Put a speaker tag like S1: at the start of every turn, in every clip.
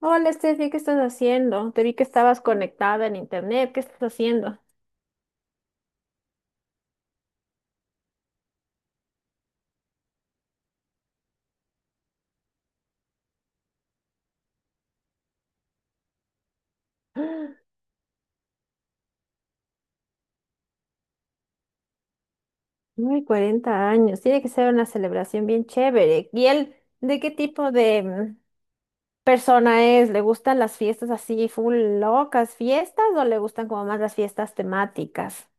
S1: Hola, Steffi, ¿qué estás haciendo? Te vi que estabas conectada en internet. ¿Qué estás haciendo? Muy 40 años. Tiene que ser una celebración bien chévere. ¿Y él de qué tipo de persona es? ¿Le gustan las fiestas así, full locas fiestas o le gustan como más las fiestas temáticas?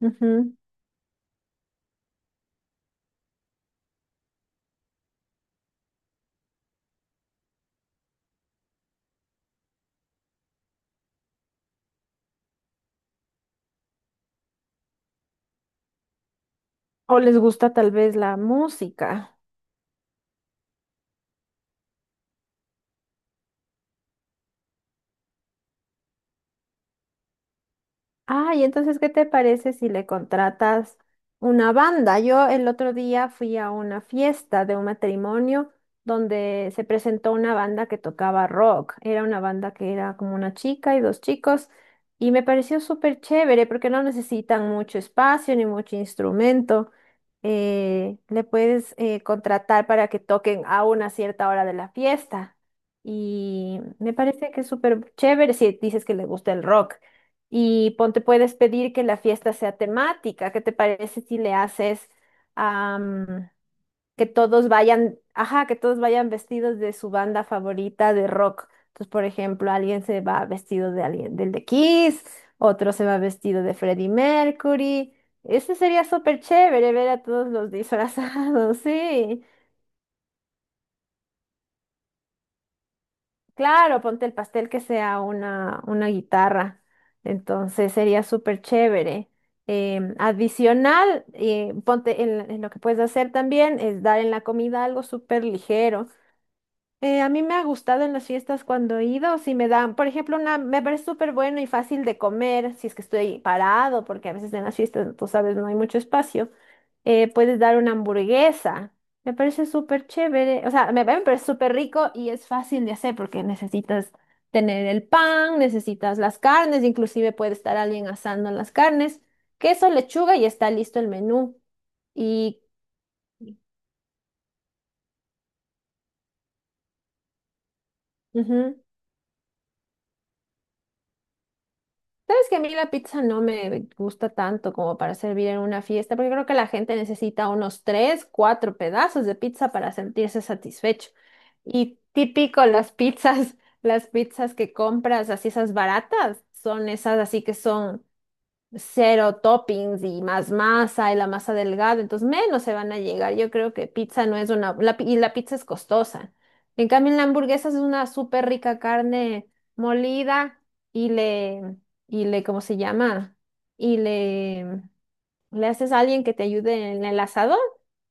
S1: Ujú. ¿O les gusta tal vez la música? Ah, y entonces, ¿qué te parece si le contratas una banda? Yo el otro día fui a una fiesta de un matrimonio donde se presentó una banda que tocaba rock. Era una banda que era como una chica y dos chicos y me pareció súper chévere porque no necesitan mucho espacio ni mucho instrumento. Le puedes contratar para que toquen a una cierta hora de la fiesta y me parece que es súper chévere si dices que le gusta el rock. Y ponte, puedes pedir que la fiesta sea temática. ¿Qué te parece si le haces am, ajá, que todos vayan vestidos de su banda favorita de rock? Entonces, por ejemplo, alguien se va vestido de alguien del de Kiss, otro se va vestido de Freddie Mercury. Ese sería súper chévere ver a todos los disfrazados, sí. Claro, ponte el pastel que sea una guitarra. Entonces sería súper chévere. Adicional, ponte en lo que puedes hacer también es dar en la comida algo súper ligero. A mí me ha gustado en las fiestas cuando he ido, si me dan, por ejemplo, una, me parece súper bueno y fácil de comer, si es que estoy parado, porque a veces en las fiestas, tú sabes, no hay mucho espacio puedes dar una hamburguesa. Me parece súper chévere. O sea, me parece súper rico y es fácil de hacer porque necesitas tener el pan, necesitas las carnes, inclusive puede estar alguien asando las carnes, queso, lechuga y está listo el menú. Y ujú. Sabes que a mí la pizza no me gusta tanto como para servir en una fiesta, porque creo que la gente necesita unos tres, cuatro pedazos de pizza para sentirse satisfecho. Y típico las pizzas, las pizzas que compras, así esas baratas, son esas así que son cero toppings y más masa y la masa delgada, entonces menos se van a llegar. Yo creo que pizza no es una, la pi- y la pizza es costosa. En cambio, en la hamburguesa es una súper rica carne molida y le, y le, ¿cómo se llama? Y le haces a alguien que te ayude en el asador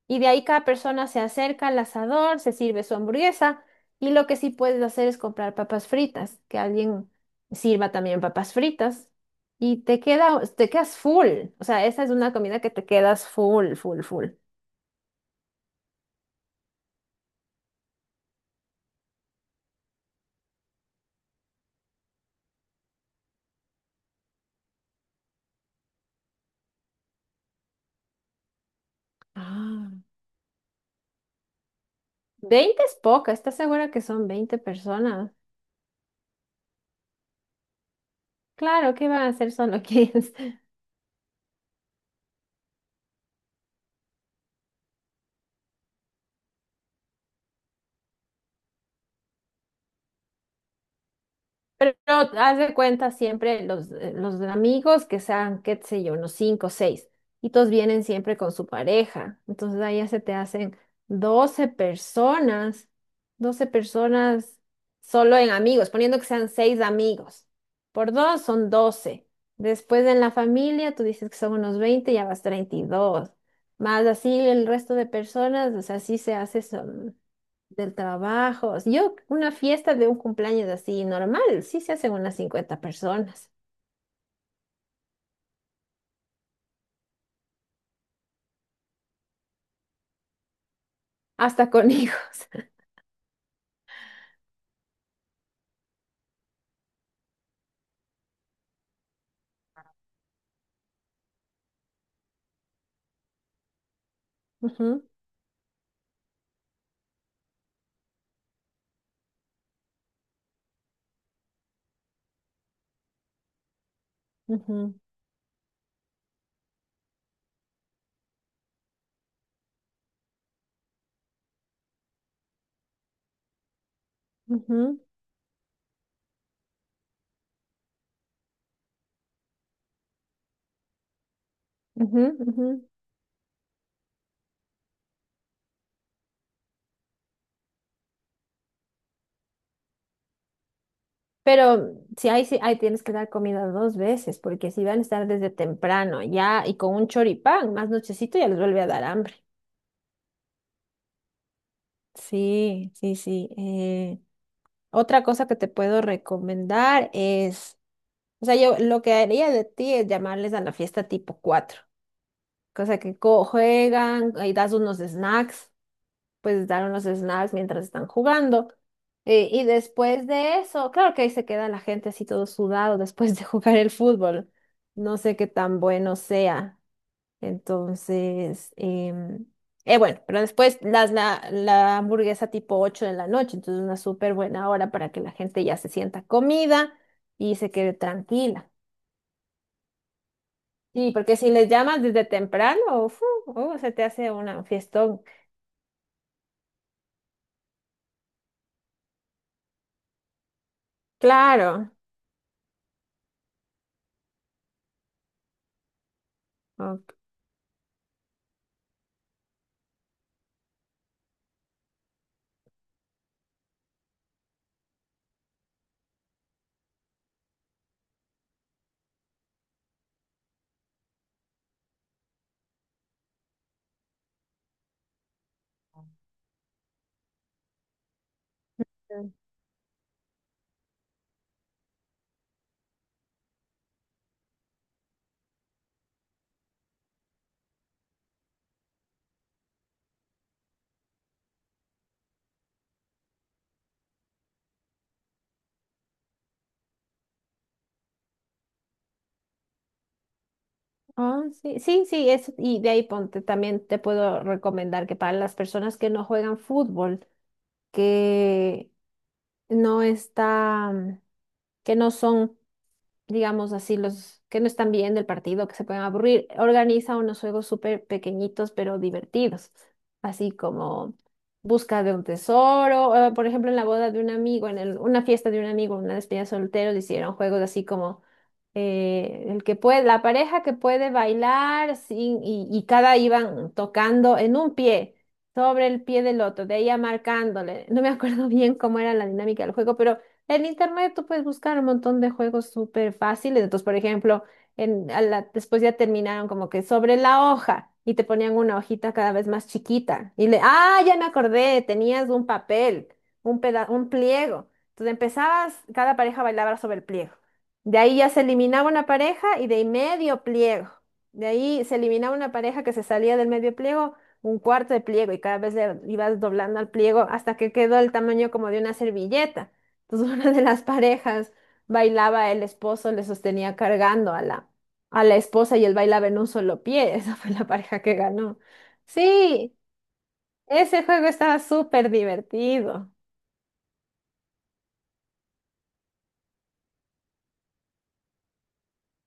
S1: y de ahí cada persona se acerca al asador, se sirve su hamburguesa y lo que sí puedes hacer es comprar papas fritas, que alguien sirva también papas fritas y te queda, te quedas full, o sea, esa es una comida que te quedas full, full, full. Ah, 20 es poca, ¿estás segura que son 20 personas? Claro, ¿qué van a hacer solo 15? Pero haz de cuenta siempre los amigos que sean, qué sé yo, unos cinco o seis, y todos vienen siempre con su pareja. Entonces ahí ya se te hacen 12 personas, 12 personas solo en amigos, poniendo que sean seis amigos. Por dos son 12. Después en la familia, tú dices que son unos 20, ya vas 32. Más así el resto de personas, o sea, así se hace. Son del trabajo. Yo, una fiesta de un cumpleaños así normal, sí se hacen unas 50 personas, hasta con hijos. Ujú, ujú, ujú, ujú, ujú. Pero si hay, tienes que dar comida dos veces, porque si van a estar desde temprano ya y con un choripán, más nochecito ya les vuelve a dar hambre. Sí, sí, sí. Otra cosa que te puedo recomendar es, o sea, yo lo que haría de ti es llamarles a la fiesta tipo 4. O sea, que co- juegan, y das unos snacks, pues dar unos snacks mientras están jugando. Y después de eso, claro que ahí se queda la gente así todo sudado después de jugar el fútbol. No sé qué tan bueno sea. Entonces, bueno, pero después la hamburguesa tipo 8 de la noche, entonces una súper buena hora para que la gente ya se sienta comida y se quede tranquila. Sí, porque si les llamas desde temprano, fu, se te hace una fiesta. Claro. Ok. Ah, sí, sí, sí, es, y de ahí ponte, también te puedo recomendar que para las personas que no juegan fútbol, que no están, que no son digamos así, los que no están bien del partido, que se pueden aburrir. Organiza unos juegos súper pequeñitos pero divertidos, así como busca de un tesoro. Por ejemplo, en la boda de un amigo, una fiesta de un amigo, una despedida de solteros, hicieron juegos así como el que puede, la pareja que puede bailar sin, y cada iban tocando en un pie. Sobre el pie del otro, de ahí marcándole. No me acuerdo bien cómo era la dinámica del juego, pero en internet tú puedes buscar un montón de juegos súper fáciles. Entonces, por ejemplo, después ya terminaron como que sobre la hoja y te ponían una hojita cada vez más chiquita. Ah, ya me acordé, tenías un papel, un pliego. Entonces empezabas, cada pareja bailaba sobre el pliego. De ahí ya se eliminaba una pareja y de ahí medio pliego. De ahí se eliminaba una pareja que se salía del medio pliego, un cuarto de pliego y cada vez le ibas doblando al pliego hasta que quedó el tamaño como de una servilleta. Entonces una de las parejas bailaba, el esposo le sostenía cargando a la esposa y él bailaba en un solo pie. Esa fue la pareja que ganó. Sí, ese juego estaba súper divertido.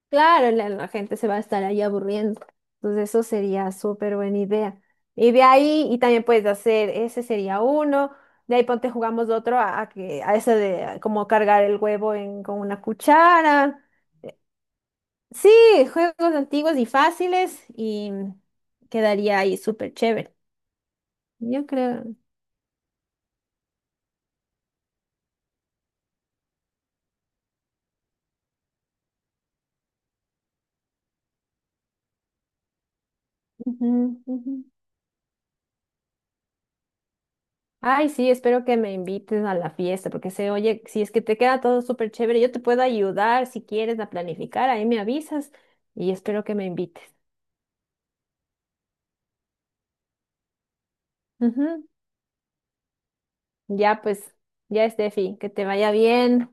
S1: Claro, la gente se va a estar ahí aburriendo. Entonces eso sería súper buena idea. Y de ahí, y también puedes hacer, ese sería uno. De ahí ponte jugamos otro a que, a ese de como cargar el huevo en, con una cuchara. Sí, juegos antiguos y fáciles y quedaría ahí súper chévere. Yo creo. Ujú, ujú. Ay, sí, espero que me invites a la fiesta porque se oye, si es que te queda todo súper chévere, yo te puedo ayudar si quieres a planificar, ahí me avisas y espero que me invites. Ujú. Ya pues, ya Steffi, que te vaya bien.